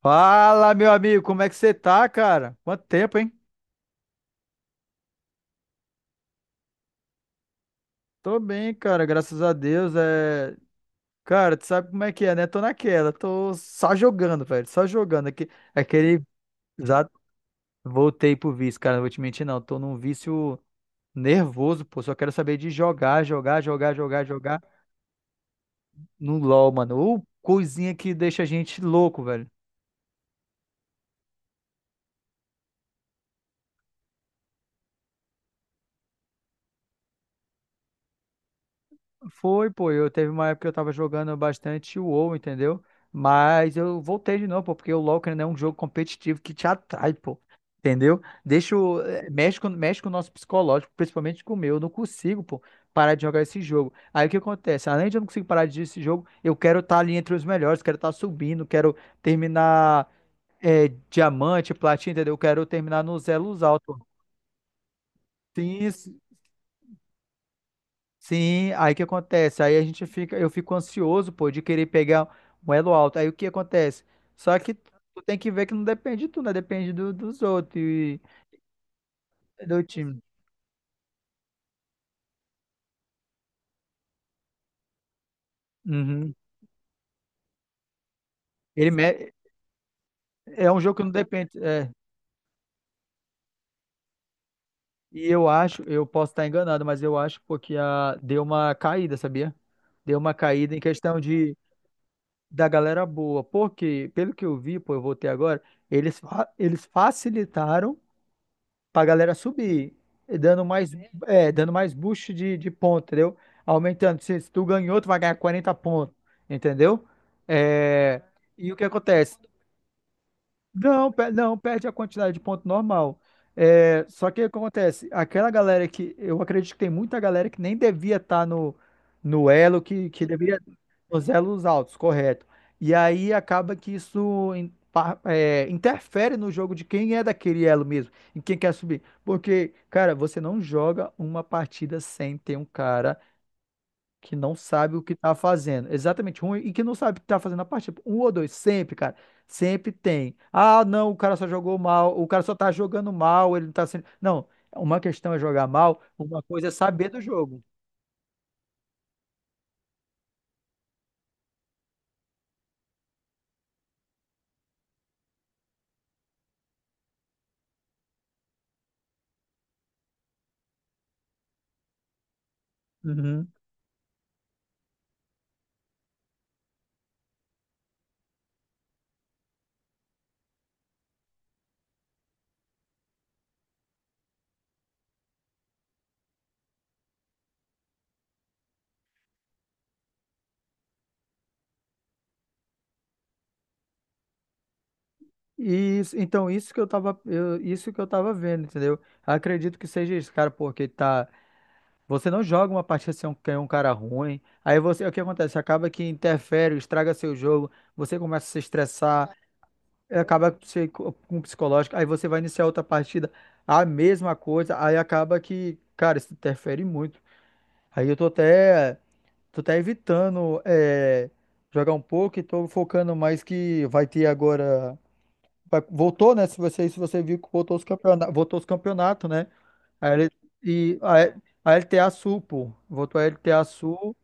Fala, meu amigo, como é que você tá, cara? Quanto tempo, hein? Tô bem, cara, graças a Deus. É. Cara, tu sabe como é que é, né? Tô naquela, tô só jogando, velho, só jogando. Aqui, aquele. Exato. Voltei pro vício, cara, não vou te mentir, não. Tô num vício nervoso, pô. Só quero saber de jogar, jogar, jogar, jogar, jogar no LoL, mano. Ou coisinha que deixa a gente louco, velho. Foi, pô. Eu teve uma época que eu tava jogando bastante o WoW, entendeu? Mas eu voltei de novo, pô, porque o LoL, querendo ou não, é um jogo competitivo que te atrai, pô. Entendeu? Deixa o... eh, mexe com o nosso psicológico, principalmente com o meu. Eu não consigo, pô, parar de jogar esse jogo. Aí o que acontece? Além de eu não conseguir parar de jogar esse jogo, eu quero estar ali entre os melhores, quero estar subindo, quero terminar diamante, platina, entendeu? Eu quero terminar nos elos altos. Sim. Sim, aí o que acontece? Aí a gente fica, eu fico ansioso, pô, de querer pegar um elo alto. Aí o que acontece? Só que tu tem que ver que não depende de tu, né? Depende dos outros e do time. Uhum. Ele me- É um jogo que não depende. É. E eu acho, eu posso estar enganado, mas eu acho, pô, que deu uma caída, sabia? Deu uma caída em questão de da galera boa. Porque, pelo que eu vi, pô, eu voltei agora, eles facilitaram pra galera subir, e dando mais boost de ponto, entendeu? Aumentando. Se tu ganhou, tu vai ganhar 40 pontos, entendeu? É, e o que acontece? Não, perde a quantidade de ponto normal. É, só que o que acontece? Aquela galera que. Eu acredito que tem muita galera que nem devia estar no elo, que deveria. Nos elos altos, correto. E aí acaba que isso interfere no jogo de quem é daquele elo mesmo, em quem quer subir. Porque, cara, você não joga uma partida sem ter um cara que não sabe o que tá fazendo. Exatamente, ruim e que não sabe o que tá fazendo na partida. Um ou dois, sempre, cara. Sempre tem. Ah, não, o cara só jogou mal, o cara só tá jogando mal, ele não tá sendo. Não, uma questão é jogar mal, uma coisa é saber do jogo. Uhum. E isso, então, isso que eu tava vendo, entendeu? Acredito que seja isso, cara, porque tá. Você não joga uma partida sem um, que é um cara ruim. Aí você, o que acontece? Acaba que interfere, estraga seu jogo, você começa a se estressar. Acaba que você com o psicológico, aí você vai iniciar outra partida, a mesma coisa, aí acaba que, cara, isso interfere muito. Aí eu tô até evitando jogar um pouco e tô focando mais que vai ter agora. Voltou, né? Se você viu que voltou os campeonatos, né? A L- e a, L- a LTA Sul, pô. Voltou a LTA Sul.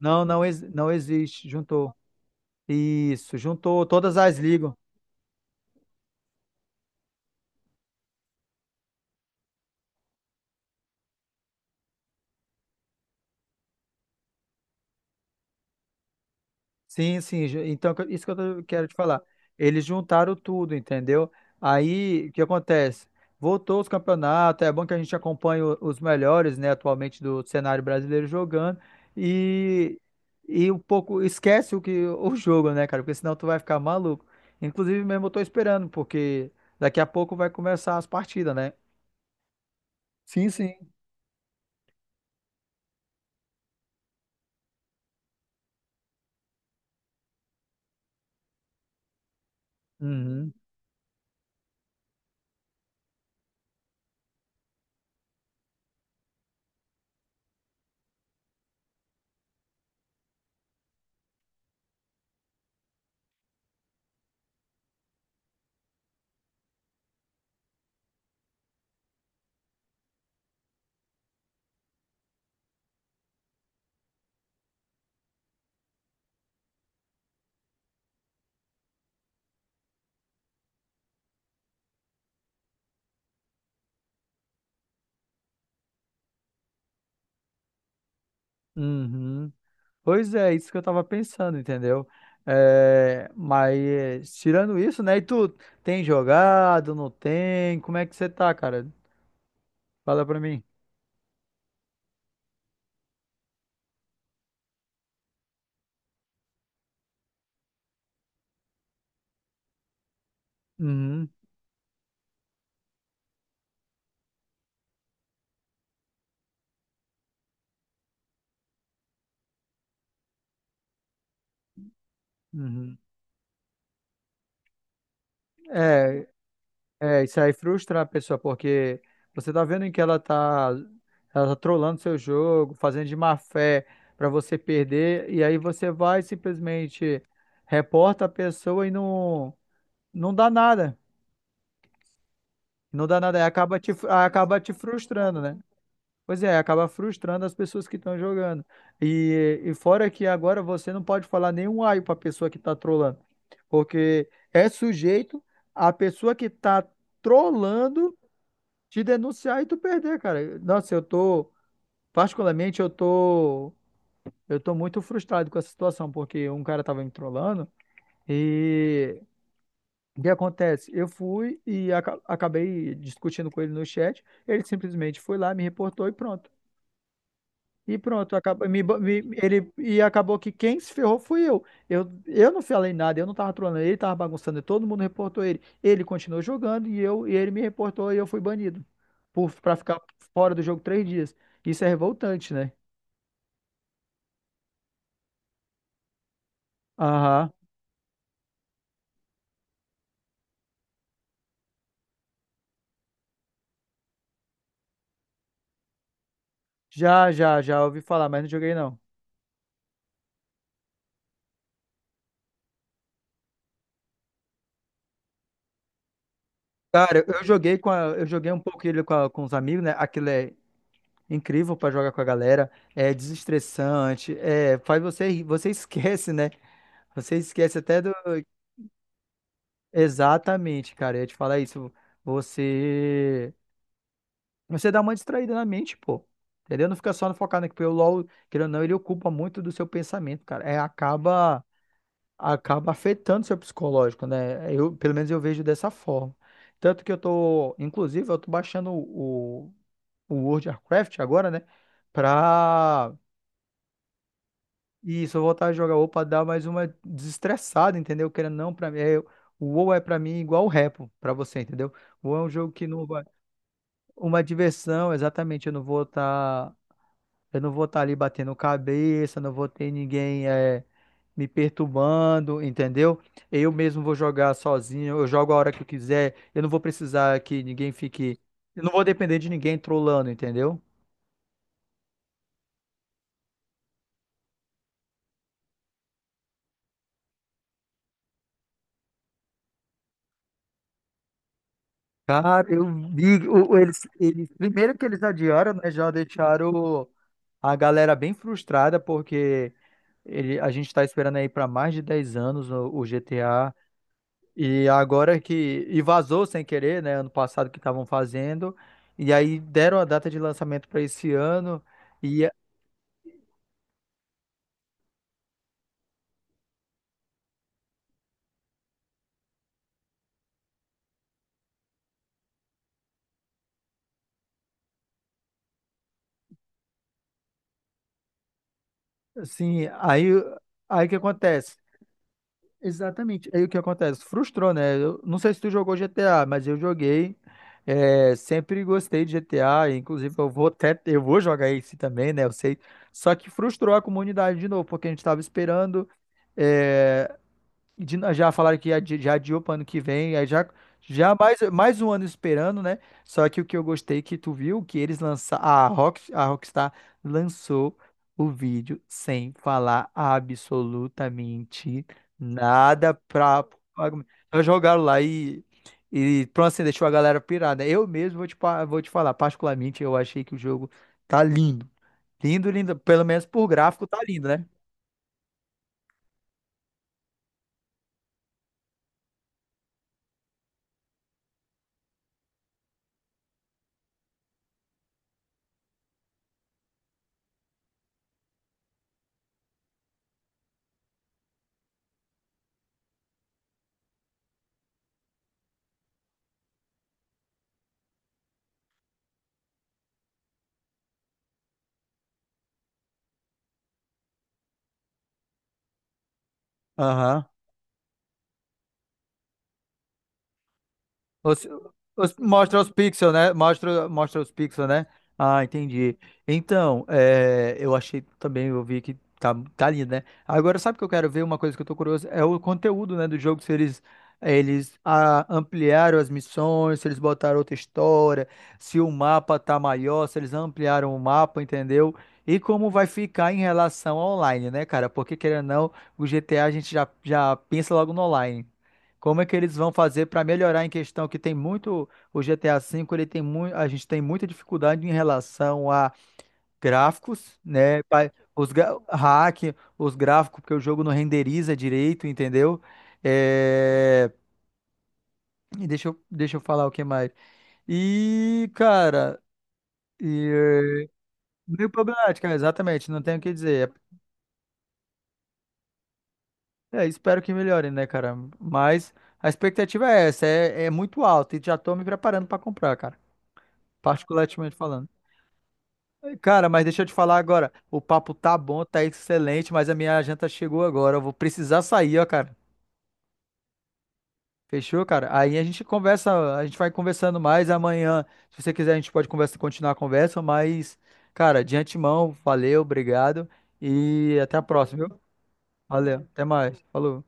Não, não, não existe. Juntou. Isso, juntou todas as ligas. Sim, sim. Então, quero te falar. Eles juntaram tudo, entendeu? Aí, o que acontece? Voltou os campeonatos, é bom que a gente acompanhe os melhores, né, atualmente do cenário brasileiro jogando e, e, um pouco esquece o que o jogo, né, cara? Porque senão tu vai ficar maluco. Inclusive, mesmo eu tô esperando, porque daqui a pouco vai começar as partidas, né? Sim, sim. Uhum, uhum. Pois é, isso que eu tava pensando, entendeu? É, mas tirando isso, né? E tu tem jogado, não tem? Como é que você tá, cara? Fala pra mim. Uhum, uhum. É, é, isso aí frustra a pessoa, porque você tá vendo que ela tá trolando seu jogo, fazendo de má fé pra você perder, e aí você vai simplesmente reporta a pessoa e não dá nada. Não dá nada, aí acaba te frustrando, né? Pois é, acaba frustrando as pessoas que estão jogando. E fora que agora você não pode falar nenhum ai para a pessoa que está trolando, porque é sujeito a pessoa que está trolando te denunciar e tu perder, cara. Nossa, eu tô, particularmente, eu tô muito frustrado com essa situação, porque um cara tava me trollando e o que acontece? Eu fui e acabei discutindo com ele no chat, ele simplesmente foi lá, me reportou e pronto. E pronto, acaba- me ba- me- ele, e acabou que quem se ferrou fui eu. Eu não falei nada, eu não tava trolando ele, tava bagunçando, todo mundo reportou ele. Ele continuou jogando e eu e ele me reportou e eu fui banido pra ficar fora do jogo 3 dias. Isso é revoltante, né? Aham. Já, já, já ouvi falar, mas não joguei não. Cara, eu joguei um pouco ele com os amigos, né? Aquilo é incrível pra jogar com a galera, é desestressante, faz você rir, você esquece, né? Você esquece até do. Exatamente, cara. Eu ia te falar isso. Você. Você dá uma distraída na mente, pô. Entendeu? Não fica só no focado, né? Porque o LOL, querendo ou não, ele ocupa muito do seu pensamento, cara. É, acaba afetando seu psicológico, né? Eu, pelo menos, eu vejo dessa forma. Tanto que eu tô. Inclusive, eu tô baixando o World of Warcraft agora, né? Pra. E se eu voltar a jogar WoW pra dar mais uma desestressada, entendeu? Querendo ou não, pra mim, o WoW é pra mim igual o Repo pra você, entendeu? O WoW é um jogo que não vai. Uma diversão, exatamente, Eu não vou estar ali batendo cabeça, não vou ter ninguém me perturbando, entendeu? Eu mesmo vou jogar sozinho, eu jogo a hora que eu quiser, eu não vou precisar que ninguém fique. Eu não vou depender de ninguém trolando, entendeu? Cara, eu vi. Primeiro que eles adiaram, né? Já deixaram a galera bem frustrada, porque a gente tá esperando aí para mais de 10 anos o, GTA. E agora que. E vazou sem querer, né? Ano passado que estavam fazendo. E aí deram a data de lançamento para esse ano. E assim, aí o que acontece? Exatamente. Aí o que acontece? Frustrou, né? Eu não sei se tu jogou GTA, mas eu joguei. É, sempre gostei de GTA, inclusive eu vou jogar esse também, né? Eu sei. Só que frustrou a comunidade de novo, porque a gente estava esperando. eh, já falaram que já adiou para ano que vem, aí já mais um ano esperando, né? Só que o que eu gostei, que tu viu, que eles lançaram, a Rockstar lançou o vídeo sem falar absolutamente nada pra. Só jogaram lá e pronto, assim, deixou a galera pirada. Eu mesmo vou te falar, particularmente eu achei que o jogo tá lindo. Lindo, lindo. Pelo menos por gráfico tá lindo, né? Aham. Os- mostra os pixels, né? Mostra os pixels, né? Ah, entendi. Então, eu achei também, eu vi que tá lindo, né? Agora, sabe o que eu quero ver? Uma coisa que eu tô curioso é o conteúdo, né, do jogo, se eles ampliaram as missões, se eles botaram outra história, se o mapa tá maior, se eles ampliaram o mapa, entendeu? E como vai ficar em relação ao online, né, cara? Porque, querendo ou não, o GTA a gente já pensa logo no online. Como é que eles vão fazer para melhorar em questão que tem muito o GTA V, ele tem muito, a gente tem muita dificuldade em relação a gráficos, né? Os gráficos porque o jogo não renderiza direito, entendeu? É, e deixa eu falar o que mais. E, cara, e, meio problemática, exatamente, não tenho o que dizer. É, espero que melhore, né, cara? Mas a expectativa é essa, é muito alta e já tô me preparando para comprar, cara, particularmente falando. Cara, mas deixa eu te falar agora. O papo tá bom, tá excelente, mas a minha janta chegou agora. Eu vou precisar sair, ó, cara. Fechou, cara? Aí a gente conversa, a gente vai conversando mais amanhã. Se você quiser, a gente pode continuar a conversa, mas, cara, de antemão, valeu, obrigado e até a próxima, viu? Valeu, até mais. Falou.